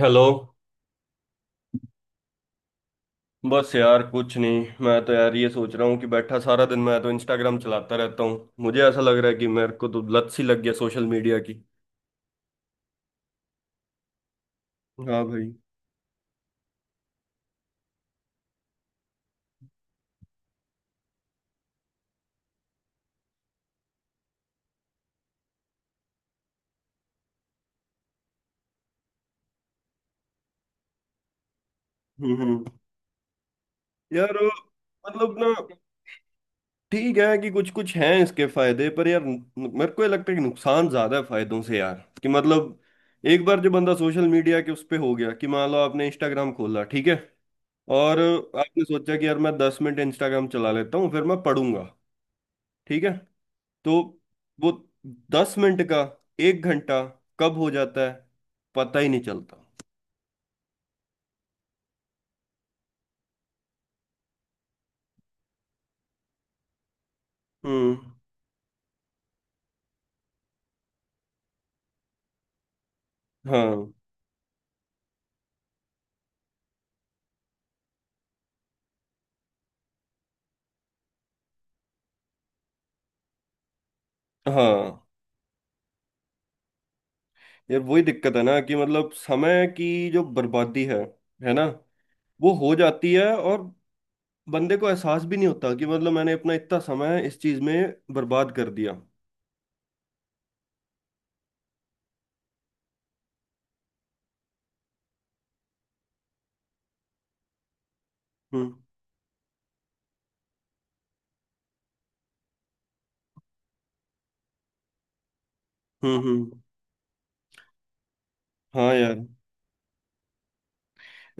Hello. बस यार कुछ नहीं। मैं तो यार ये सोच रहा हूँ कि बैठा सारा दिन मैं तो इंस्टाग्राम चलाता रहता हूँ। मुझे ऐसा लग रहा है कि मेरे को तो लत सी लग गया सोशल मीडिया की। हाँ भाई। हम्म। यार मतलब ना ठीक है कि कुछ कुछ हैं इसके फायदे, पर यार मेरे को ये लगता है कि नुकसान ज्यादा है फायदों से यार। कि मतलब एक बार जो बंदा सोशल मीडिया के उस पे हो गया कि मान लो आपने इंस्टाग्राम खोला, ठीक है। और आपने सोचा कि यार मैं 10 मिनट इंस्टाग्राम चला लेता हूँ फिर मैं पढ़ूंगा। ठीक है। तो वो 10 मिनट का 1 घंटा कब हो जाता है पता ही नहीं चलता। हम्म, हाँ हाँ। यार वही दिक्कत है ना कि मतलब समय की जो बर्बादी है ना, वो हो जाती है। और बंदे को एहसास भी नहीं होता कि मतलब मैंने अपना इतना समय इस चीज में बर्बाद कर दिया। हम्म हम्म। हाँ यार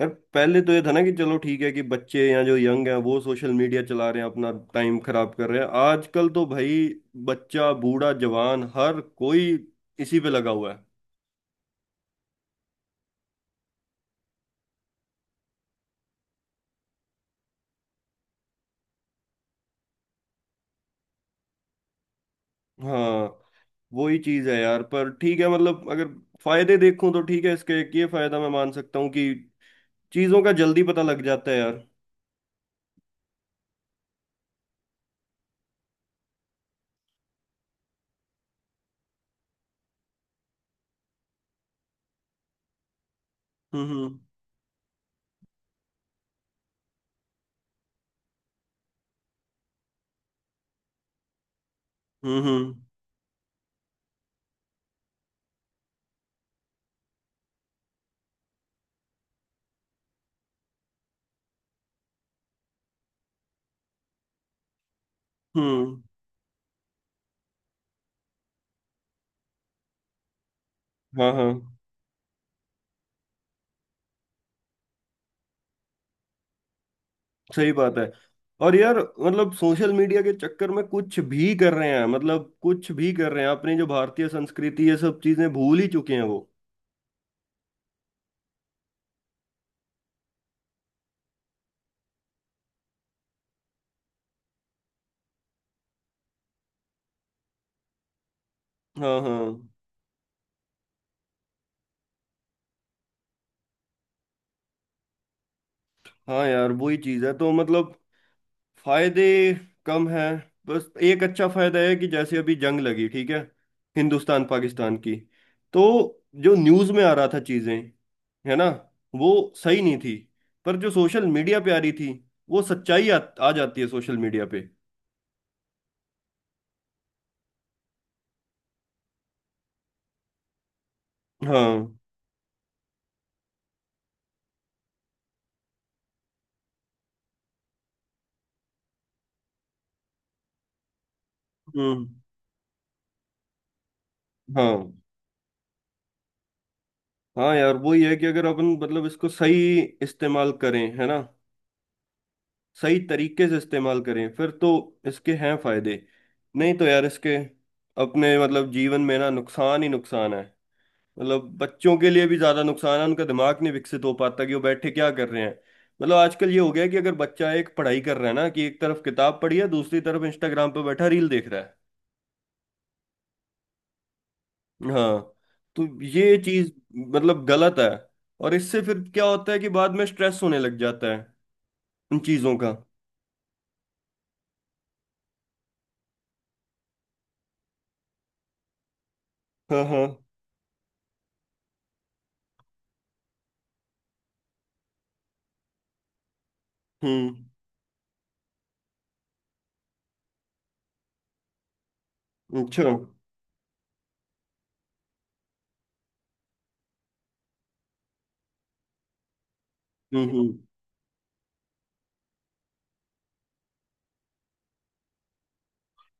यार, पहले तो ये था ना कि चलो ठीक है कि बच्चे या जो यंग हैं वो सोशल मीडिया चला रहे हैं, अपना टाइम खराब कर रहे हैं। आजकल तो भाई बच्चा बूढ़ा जवान हर कोई इसी पे लगा हुआ है। हाँ वही चीज है यार, पर ठीक है, मतलब अगर फायदे देखूं तो ठीक है इसके एक ये फायदा मैं मान सकता हूँ कि चीजों का जल्दी पता लग जाता है यार। हम्म हम्म हम्म हम्म हाँ हाँ सही बात है। और यार मतलब सोशल मीडिया के चक्कर में कुछ भी कर रहे हैं, मतलब कुछ भी कर रहे हैं, अपनी जो भारतीय संस्कृति ये सब चीजें भूल ही चुके हैं वो। हाँ हाँ। हाँ यार वही चीज है तो मतलब फायदे कम है। बस एक अच्छा फायदा है कि जैसे अभी जंग लगी, ठीक है, हिंदुस्तान पाकिस्तान की। तो जो न्यूज में आ रहा था चीजें, है ना, वो सही नहीं थी, पर जो सोशल मीडिया पे आ रही थी वो सच्चाई आ जाती है सोशल मीडिया पे। हाँ हम्म, हाँ हाँ। यार वो ये है कि अगर अपन मतलब इसको सही इस्तेमाल करें, है ना, सही तरीके से इस्तेमाल करें फिर तो इसके हैं फायदे। नहीं तो यार इसके अपने मतलब जीवन में ना नुकसान ही नुकसान है। मतलब बच्चों के लिए भी ज्यादा नुकसान है, उनका दिमाग नहीं विकसित हो पाता कि वो बैठे क्या कर रहे हैं। मतलब आजकल ये हो गया है कि अगर बच्चा एक पढ़ाई कर रहा है ना कि एक तरफ किताब पढ़ी है दूसरी तरफ इंस्टाग्राम पे बैठा रील देख रहा है। हाँ तो ये चीज मतलब गलत है। और इससे फिर क्या होता है कि बाद में स्ट्रेस होने लग जाता है उन चीजों का। हाँ हाँ। हम्म। अच्छा हम्म।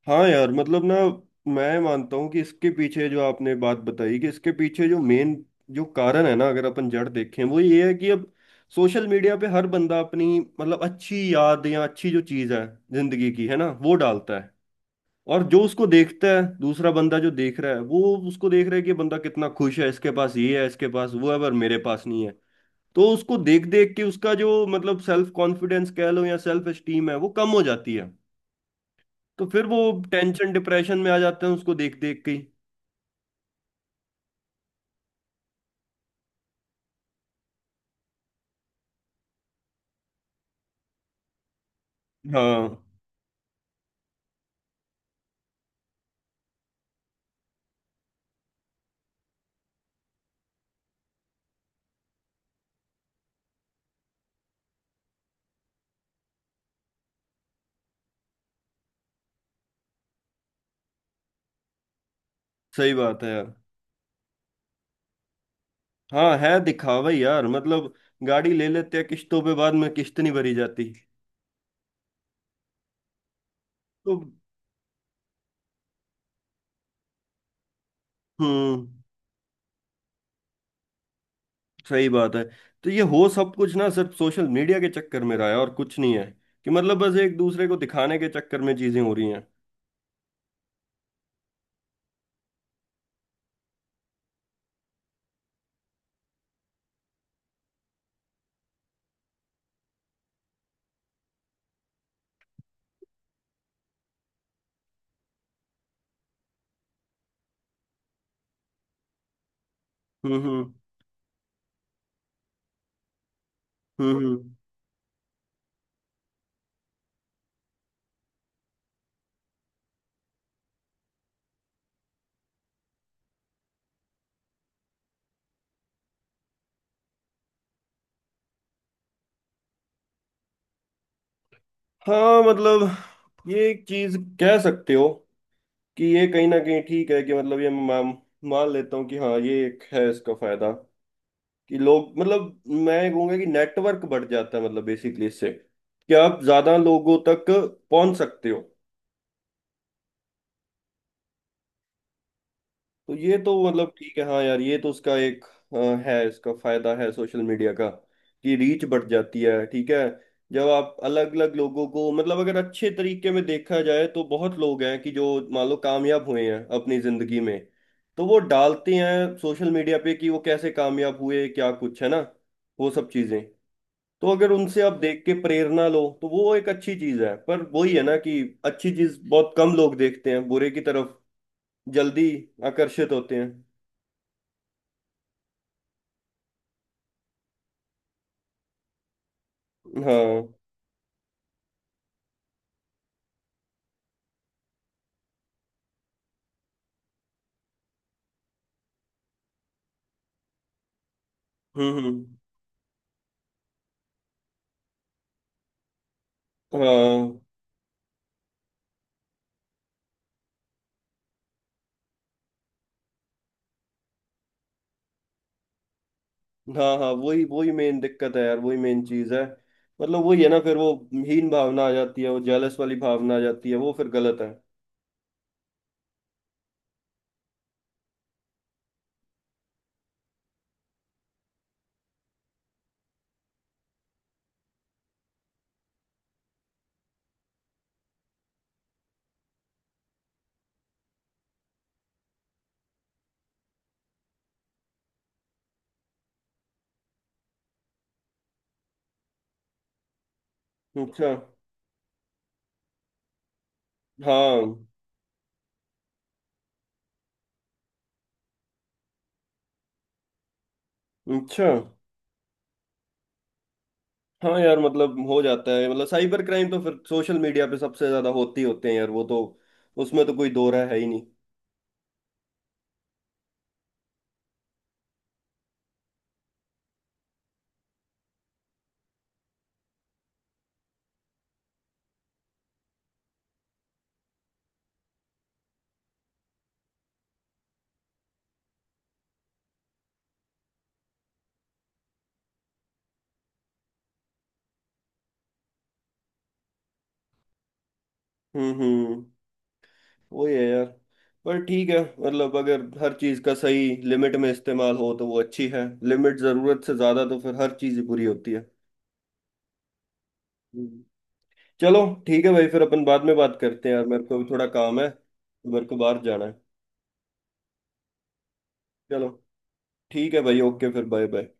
हाँ यार मतलब ना, मैं मानता हूँ कि इसके पीछे जो आपने बात बताई, कि इसके पीछे जो मेन जो कारण है ना, अगर अपन जड़ देखें वो ये है कि अब सोशल मीडिया पे हर बंदा अपनी मतलब अच्छी याद या अच्छी जो चीज है जिंदगी की, है ना, वो डालता है। और जो उसको देखता है दूसरा बंदा, जो देख रहा है वो उसको देख रहा है कि ये बंदा कितना खुश है, इसके पास ये है, इसके पास वो है, पर मेरे पास नहीं है। तो उसको देख देख के उसका जो मतलब सेल्फ कॉन्फिडेंस कह लो या सेल्फ एस्टीम है वो कम हो जाती है। तो फिर वो टेंशन डिप्रेशन में आ जाते हैं उसको देख देख के ही। हाँ सही बात है यार। हाँ है दिखावा ही यार, मतलब गाड़ी ले लेते हैं किश्तों पे, बाद में किश्त नहीं भरी जाती तो। हम्म, सही बात है। तो ये हो सब कुछ ना सिर्फ सोशल मीडिया के चक्कर में रहा है और कुछ नहीं है। कि मतलब बस एक दूसरे को दिखाने के चक्कर में चीजें हो रही हैं। हम्म हम्म हम्म हम्म। हाँ मतलब ये एक चीज कह सकते हो कि ये कहीं ना कहीं ठीक है, कि मतलब ये मैं मान लेता हूँ कि हाँ ये एक है इसका फायदा। कि लोग मतलब मैं कहूँगा कि नेटवर्क बढ़ जाता है, मतलब बेसिकली इससे कि आप ज्यादा लोगों तक पहुंच सकते हो। तो ये तो मतलब ठीक है, हाँ यार ये तो उसका एक अ, है इसका फायदा है सोशल मीडिया का, कि रीच बढ़ जाती है। ठीक है, जब आप अलग अलग लोगों को मतलब अगर अच्छे तरीके में देखा जाए तो बहुत लोग हैं कि जो मान लो कामयाब हुए हैं अपनी जिंदगी में। तो वो डालते हैं सोशल मीडिया पे कि वो कैसे कामयाब हुए, क्या कुछ है ना, वो सब चीजें। तो अगर उनसे आप देख के प्रेरणा लो तो वो एक अच्छी चीज है, पर वही है ना कि अच्छी चीज बहुत कम लोग देखते हैं, बुरे की तरफ जल्दी आकर्षित होते हैं। हाँ। हम्म हम्म, हाँ हाँ। हाँ वही वही मेन दिक्कत है यार, वही मेन चीज है। मतलब वही है ना, फिर वो हीन भावना आ जाती है, वो जेलस वाली भावना आ जाती है, वो फिर गलत है। अच्छा। हाँ। अच्छा। हाँ यार मतलब हो जाता है, मतलब साइबर क्राइम तो फिर सोशल मीडिया पे सबसे ज्यादा होती होते हैं यार वो तो। उसमें तो कोई दो राय है ही नहीं। हम्म। वही है यार, पर ठीक है मतलब अगर हर चीज का सही लिमिट में इस्तेमाल हो तो वो अच्छी है, लिमिट जरूरत से ज्यादा तो फिर हर चीज ही बुरी होती है। हम्म। चलो, ठीक है भाई, फिर अपन बाद में बात करते हैं यार, मेरे को भी थोड़ा काम है। मेरे को बाहर जाना है। चलो, ठीक है भाई, ओके, फिर बाय बाय।